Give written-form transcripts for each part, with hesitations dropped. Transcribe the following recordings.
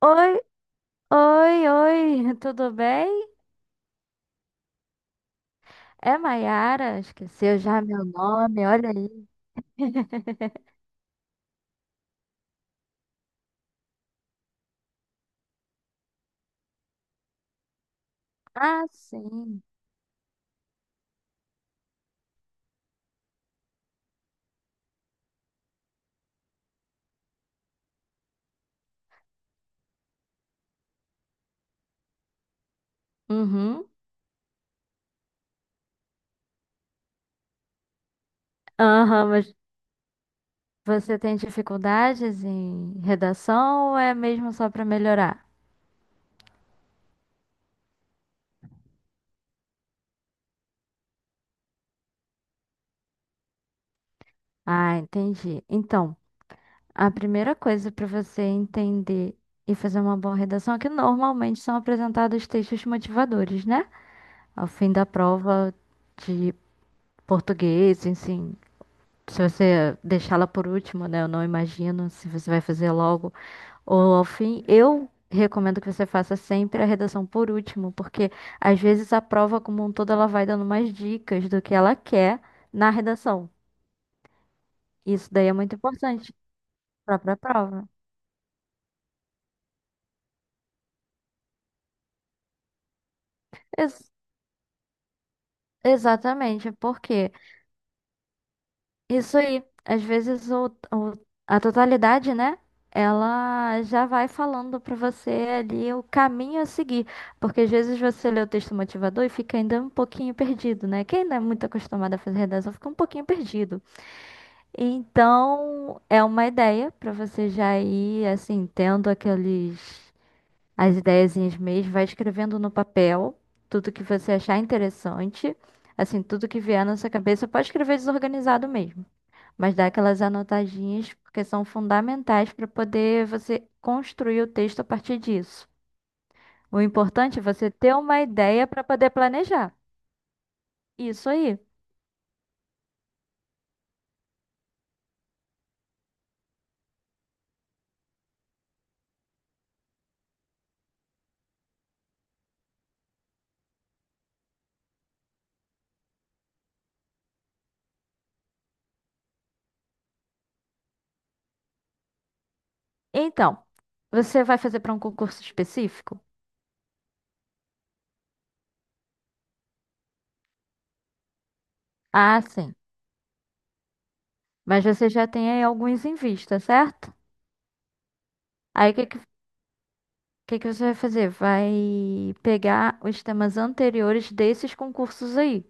Oi, oi, oi, tudo bem? É Maiara, esqueceu já meu nome, olha aí. Ah, sim. Uhum. Aham, mas você tem dificuldades em redação ou é mesmo só para melhorar? Ah, entendi. Então, a primeira coisa para você entender e fazer uma boa redação é que normalmente são apresentados textos motivadores, né? Ao fim da prova de português, enfim, se você deixá-la por último, né? Eu não imagino se você vai fazer logo ou ao fim. Eu recomendo que você faça sempre a redação por último, porque às vezes a prova como um todo, ela vai dando mais dicas do que ela quer na redação. Isso daí é muito importante para a própria prova. Ex- Exatamente, porque isso aí. Às vezes o- a totalidade, né? Ela já vai falando pra você ali o caminho a seguir. Porque às vezes você lê o texto motivador e fica ainda um pouquinho perdido, né? Quem não é muito acostumado a fazer redação fica um pouquinho perdido. Então, é uma ideia pra você já ir, assim, tendo aqueles, as ideiazinhas mesmo, vai escrevendo no papel tudo que você achar interessante. Assim, tudo que vier na sua cabeça, pode escrever desorganizado mesmo. Mas dá aquelas anotadinhas porque são fundamentais para poder você construir o texto a partir disso. O importante é você ter uma ideia para poder planejar. Isso aí. Então, você vai fazer para um concurso específico? Ah, sim. Mas você já tem aí alguns em vista, certo? Aí que você vai fazer? Vai pegar os temas anteriores desses concursos aí.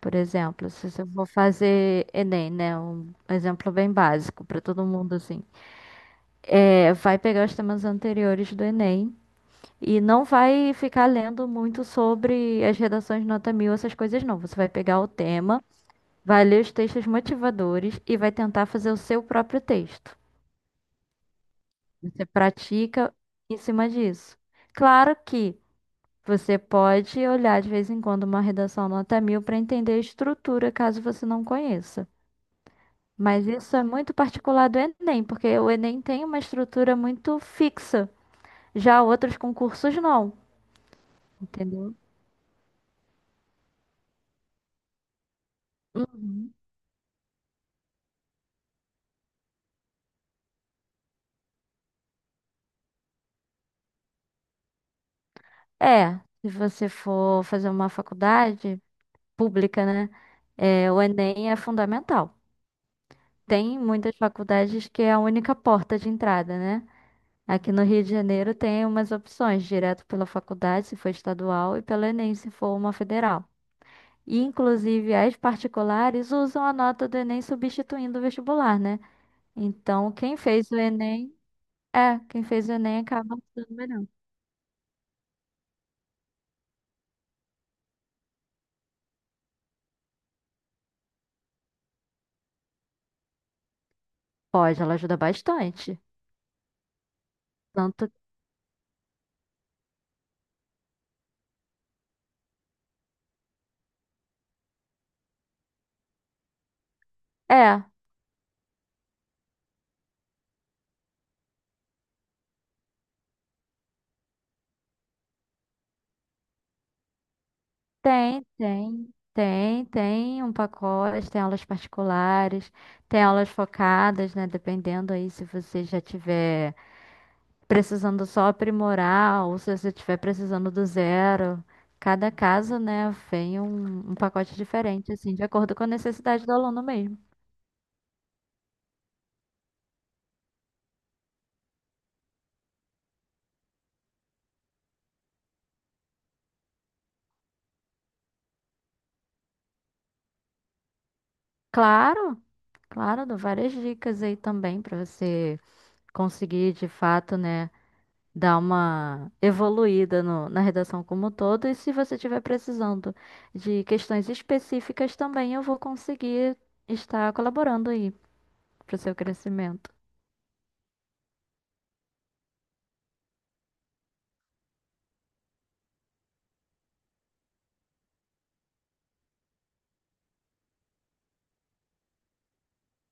Por exemplo, se você for fazer Enem, né? Um exemplo bem básico para todo mundo, assim. É, vai pegar os temas anteriores do Enem e não vai ficar lendo muito sobre as redações nota mil, essas coisas não. Você vai pegar o tema, vai ler os textos motivadores e vai tentar fazer o seu próprio texto. Você pratica em cima disso. Claro que você pode olhar de vez em quando uma redação nota mil para entender a estrutura, caso você não conheça. Mas isso é muito particular do Enem, porque o Enem tem uma estrutura muito fixa. Já outros concursos não. Entendeu? Uhum. É, se você for fazer uma faculdade pública, né? É, o Enem é fundamental. Tem muitas faculdades que é a única porta de entrada, né? Aqui no Rio de Janeiro tem umas opções, direto pela faculdade, se for estadual, e pelo Enem, se for uma federal. E, inclusive, as particulares usam a nota do Enem substituindo o vestibular, né? Então, quem fez o Enem, é, quem fez o Enem acaba sendo melhor. Pode, ela ajuda bastante. Tanto, é. Tem um pacote, tem aulas particulares, tem aulas focadas, né? Dependendo aí se você já tiver precisando só aprimorar ou se você estiver precisando do zero. Cada caso, né, vem um pacote diferente, assim, de acordo com a necessidade do aluno mesmo. Claro, claro, dou várias dicas aí também para você conseguir de fato, né, dar uma evoluída na redação como um todo. E se você estiver precisando de questões específicas também, eu vou conseguir estar colaborando aí para o seu crescimento.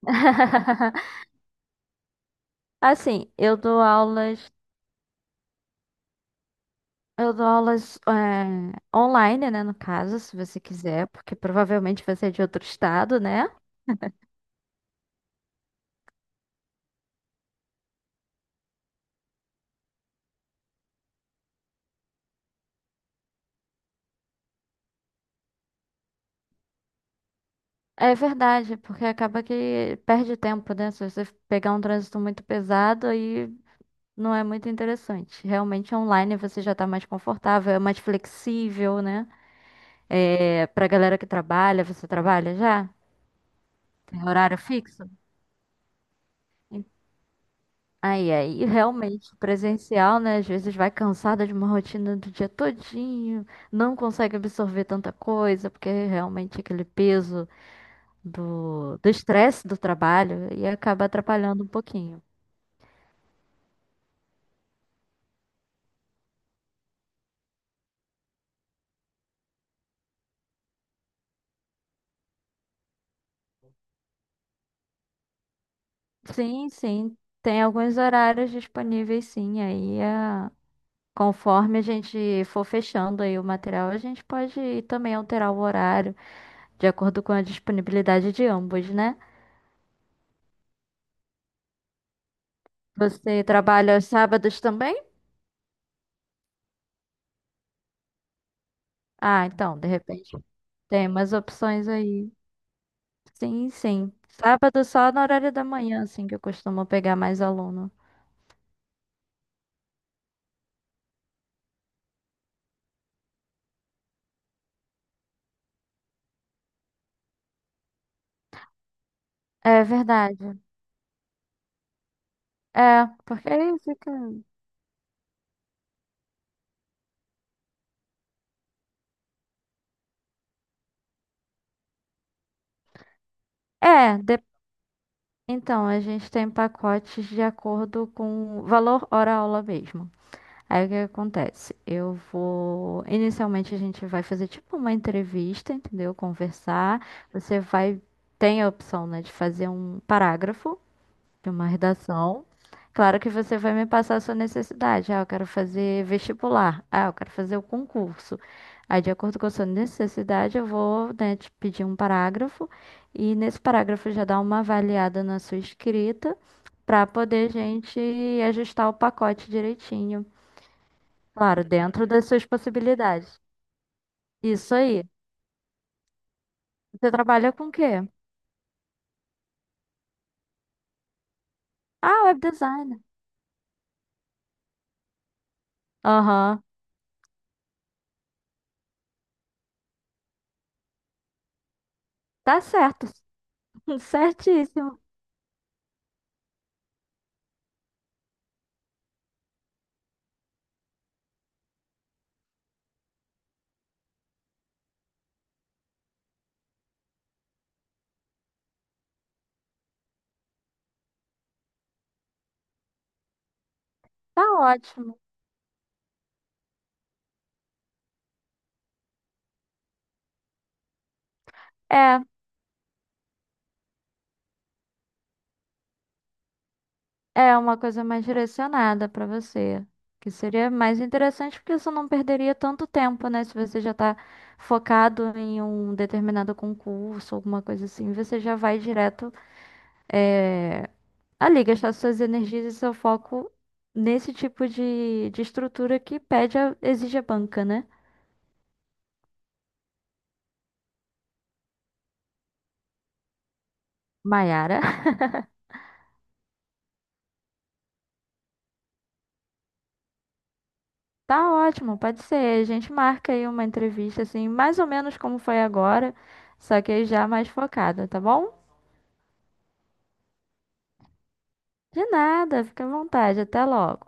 Assim, eu dou aulas online, né, no caso, se você quiser, porque provavelmente você é de outro estado, né? É verdade, porque acaba que perde tempo, né? Se você pegar um trânsito muito pesado, aí não é muito interessante. Realmente online você já tá mais confortável, é mais flexível, né? É, pra galera que trabalha, você trabalha já? Tem horário fixo? Aí, aí, realmente, presencial, né? Às vezes vai cansada de uma rotina do dia todinho, não consegue absorver tanta coisa, porque realmente aquele peso do estresse do trabalho e acaba atrapalhando um pouquinho. Sim, sim, tem alguns horários disponíveis, sim, aí é. Conforme a gente for fechando aí o material, a gente pode também alterar o horário, de acordo com a disponibilidade de ambos, né? Você trabalha aos sábados também? Ah, então, de repente tem umas opções aí. Sim, sim. Sábado só no horário da manhã, assim, que eu costumo pegar mais aluno. É verdade. É, porque aí fica. É, de- então, a gente tem pacotes de acordo com valor hora-aula mesmo. Aí o que acontece? Eu vou. Inicialmente a gente vai fazer tipo uma entrevista, entendeu? Conversar. Você vai. Tem a opção, né, de fazer um parágrafo de uma redação. Claro que você vai me passar a sua necessidade. Ah, eu quero fazer vestibular. Ah, eu quero fazer o concurso. Aí, de acordo com a sua necessidade, eu vou, né, te pedir um parágrafo. E nesse parágrafo já dá uma avaliada na sua escrita para poder a gente ajustar o pacote direitinho. Claro, dentro das suas possibilidades. Isso aí. Você trabalha com o quê? Ah, web design. Aham. Tá certo. Certíssimo. Tá ótimo. É, é uma coisa mais direcionada para você, que seria mais interessante porque você não perderia tanto tempo, né? Se você já tá focado em um determinado concurso, alguma coisa assim, você já vai direto, eh, ali gastar suas energias e seu foco nesse tipo de estrutura que pede a, exige a banca, né? Maiara, tá ótimo, pode ser. A gente marca aí uma entrevista, assim, mais ou menos como foi agora, só que aí já mais focada, tá bom? De nada, fica à vontade, até logo.